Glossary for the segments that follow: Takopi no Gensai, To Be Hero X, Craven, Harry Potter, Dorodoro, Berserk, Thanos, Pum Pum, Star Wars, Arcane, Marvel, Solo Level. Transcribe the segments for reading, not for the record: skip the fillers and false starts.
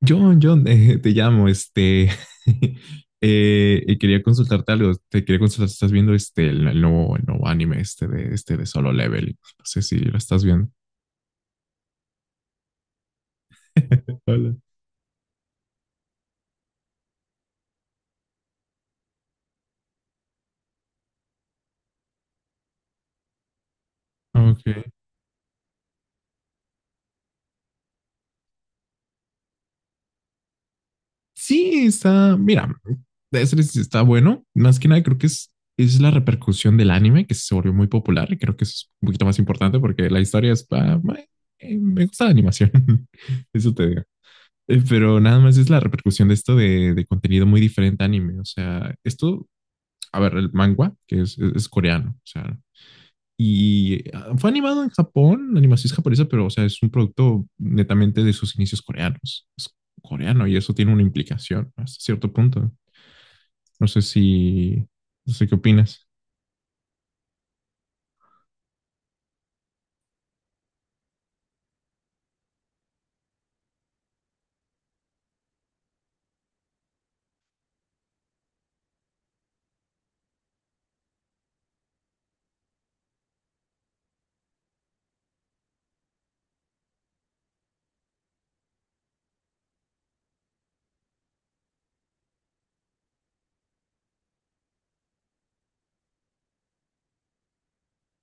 John, John, te llamo, y quería consultarte algo, te quería consultar si estás viendo el nuevo, el nuevo anime este de Solo Level, no sé si lo estás viendo. Hola. Ok. Sí, está, mira, de ser sí está bueno, más que nada creo que es la repercusión del anime que se volvió muy popular, y creo que eso es un poquito más importante porque la historia es, me gusta la animación, eso te digo. Pero nada más es la repercusión de de contenido muy diferente a anime. O sea, esto, a ver, el manga, es coreano, o sea, y fue animado en Japón, la animación es japonesa, pero, o sea, es un producto netamente de sus inicios coreanos. Es coreano y eso tiene una implicación hasta cierto punto. No sé si, no sé qué opinas.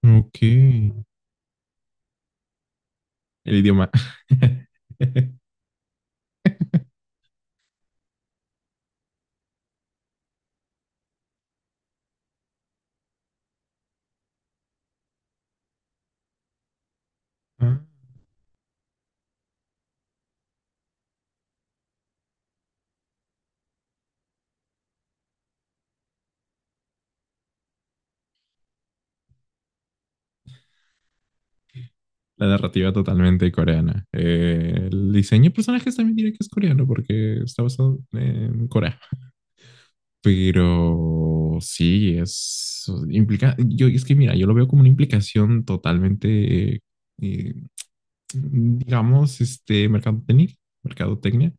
Ok, el idioma. Ah. La narrativa totalmente coreana. El diseño de personajes también diré que es coreano porque está basado en Corea. Pero sí, es implica. Yo es que mira, yo lo veo como una implicación totalmente, eh, digamos, mercadotecnia, mercadotecnia,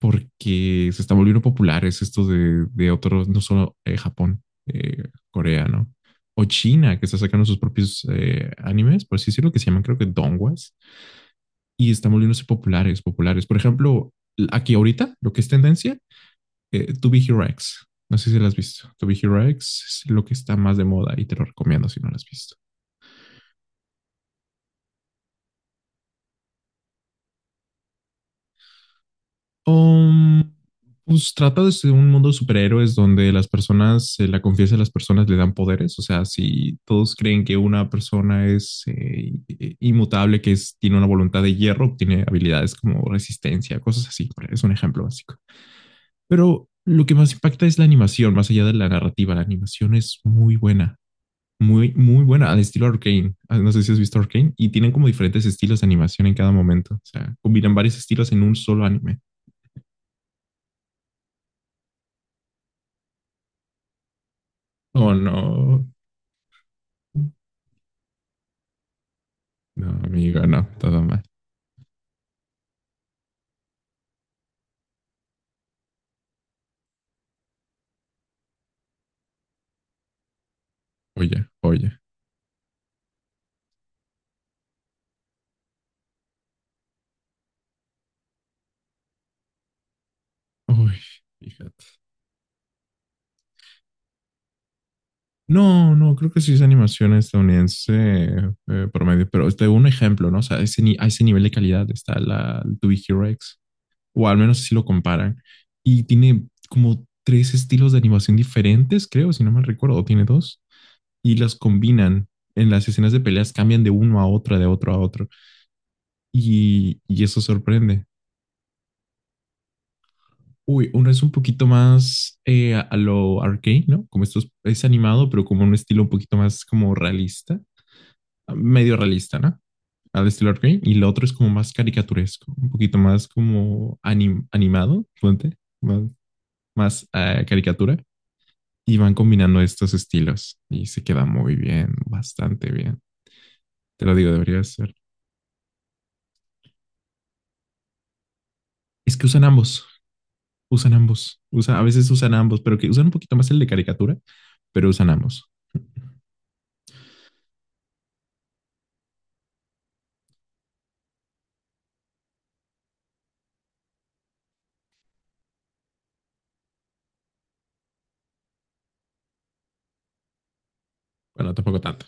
porque se está volviendo populares de otros, no solo Japón, Corea, ¿no? O China, que está sacando sus propios animes, por así decirlo, que se llaman creo que Dongwas y están volviéndose populares, populares. Por ejemplo, aquí ahorita, lo que es tendencia, To Be Hero X. No sé si la has visto. To Be Hero X es lo que está más de moda y te lo recomiendo si no la has visto. Um, pues trata de un mundo de superhéroes donde las personas, la confianza de las personas le dan poderes. O sea, si todos creen que una persona es inmutable, que es, tiene una voluntad de hierro, tiene habilidades como resistencia, cosas así. Es un ejemplo básico. Pero lo que más impacta es la animación, más allá de la narrativa. La animación es muy buena, muy, muy buena, al estilo Arcane. Ah, no sé si has visto Arcane. Y tienen como diferentes estilos de animación en cada momento. O sea, combinan varios estilos en un solo anime. Oh, no. No, amigo, no, todo mal. Oye, oye. Uy, fíjate. No, no, creo que sí es animación estadounidense promedio, pero te doy un ejemplo, ¿no? O sea, ese ni- a ese nivel de calidad está la To Be Hero X, o al menos así lo comparan. Y tiene como tres estilos de animación diferentes, creo, si no mal recuerdo, tiene dos, y las combinan. En las escenas de peleas cambian de uno a otro, de otro a otro, y eso sorprende. Uy, uno es un poquito más a lo arcade, ¿no? Como es animado, pero como un estilo un poquito más como realista, medio realista, ¿no? Al estilo arcade y lo otro es como más caricaturesco, un poquito más como animado, puente, más, más caricatura, y van combinando estos estilos y se queda muy bien, bastante bien. Te lo digo, debería ser. Es que usan ambos, a veces usan ambos, pero que usan un poquito más el de caricatura, pero usan ambos. Bueno, tampoco tanto.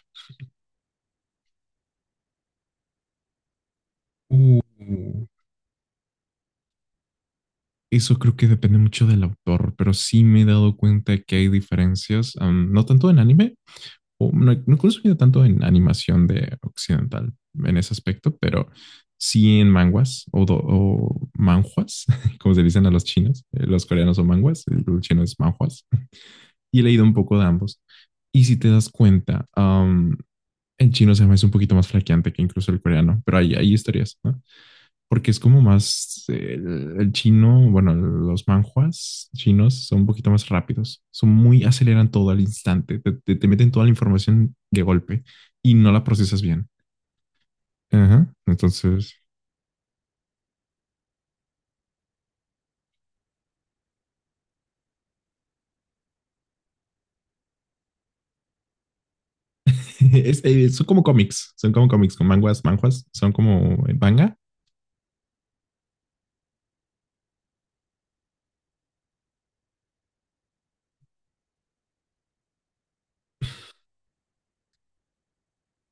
Uh, eso creo que depende mucho del autor, pero sí me he dado cuenta que hay diferencias, no tanto en anime, o no, no he consumido tanto en animación de occidental en ese aspecto, pero sí en manguas o manjuas, como se dicen a los chinos. Los coreanos son manguas, el chino es manjuas. Y he leído un poco de ambos. Y si te das cuenta, en chino se me hace un poquito más flaqueante que incluso el coreano, pero hay historias, ¿no? Porque es como más el chino, bueno, los manjuas chinos son un poquito más rápidos, son muy, aceleran todo al instante, te meten toda la información de golpe y no la procesas bien. Ajá, entonces, son como cómics con manguas, manjuas, son como manga.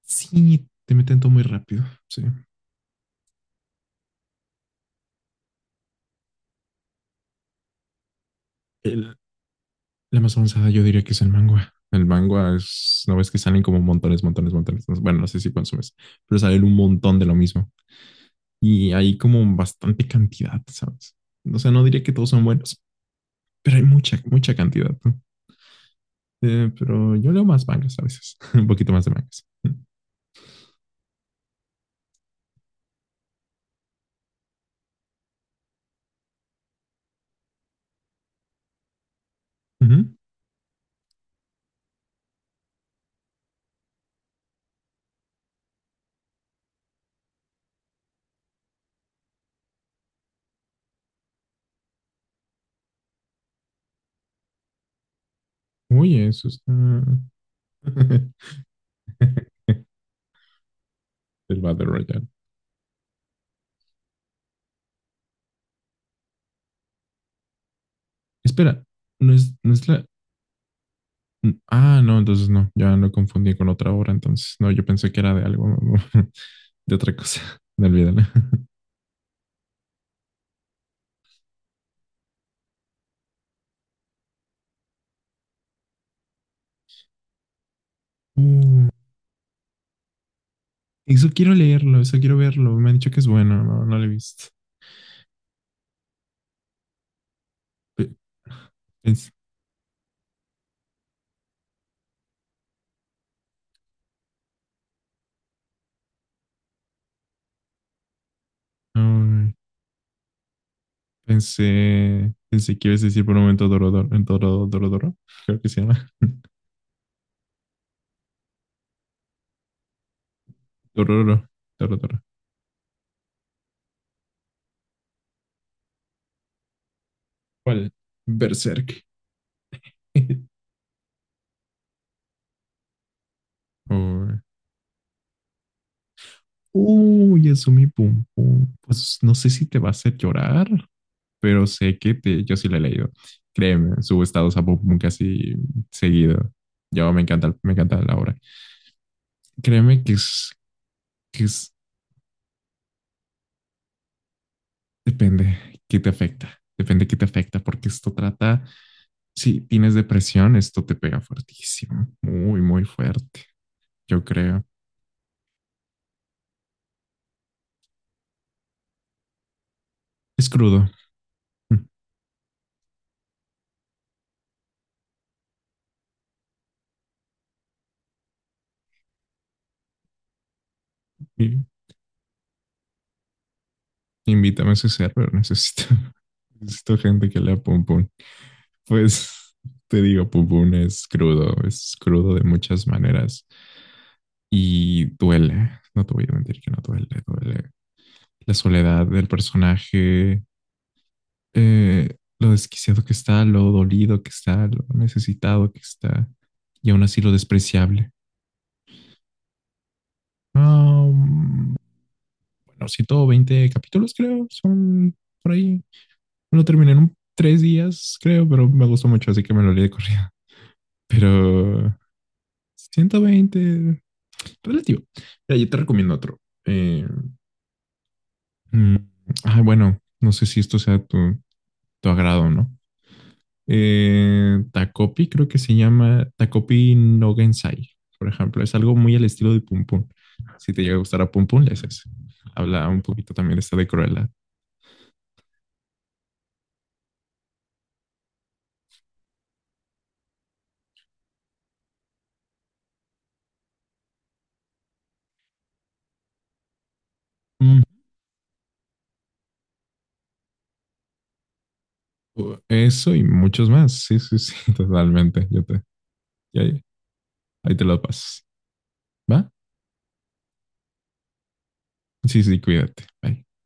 Sí, te meten todo muy rápido, sí. El- la más avanzada yo diría que es el manga. El manga es, no ves que salen como montones, montones, montones. Bueno, no sé si consumes, pero salen un montón de lo mismo, y hay como bastante cantidad, ¿sabes? O sea, no diría que todos son buenos, pero hay mucha, mucha cantidad, ¿no? Pero yo leo más mangas a veces, un poquito más de mangas. Ujú. Oye, eso está… El Battle Royale. Espera, no es, no es la… Ah, no, entonces no, ya lo confundí con otra obra, entonces no, yo pensé que era de algo, de otra cosa, no olvídalo. Uh, eso quiero leerlo, eso quiero verlo, me han dicho que es bueno, no, no lo he visto. Pe- pens- Mm, pensé, pensé que ibas a decir por un momento Dorodoro, en Dorodoro, creo que se llama. Dororo, Dorodoro. ¿Cuál? Berserk. Uy, uy, Yasumi Pum Pum. Pues no sé si te va a hacer llorar, pero sé que te, yo sí la he leído. Créeme, subo estados a Pum Pum casi seguido. Yo me encanta la obra. Créeme que es, depende qué te afecta. Depende qué te afecta, porque esto trata. Si tienes depresión, esto te pega fuertísimo, muy, muy fuerte, yo creo. Es crudo. Y- Invítame a ese server, necesito, necesito gente que lea Pum Pum. Pues te digo, Pum Pum es crudo de muchas maneras y duele, no te voy a mentir que no duele, duele. La soledad del personaje, lo desquiciado que está, lo dolido que está, lo necesitado que está y aún así lo despreciable. Ah, um, bueno, 120 capítulos, creo, son por ahí. Me lo terminé en 3 días, creo, pero me gustó mucho, así que me lo leí de corrida. Pero 120, relativo. Mira, yo te recomiendo otro. Eh, mm, bueno, no sé si esto sea tu agrado, o ¿no? Takopi, creo que se llama Takopi no Gensai, por ejemplo. Es algo muy al estilo de Pum Pum. Si te llega a gustar a Pum Pum, le haces. Habla un poquito también de esta de Cruella. Mm, Eso y muchos más. Sí, sí, sí, totalmente. Ya- ahí te lo paso. ¿Va? Sí, sí, cuídate. Bye.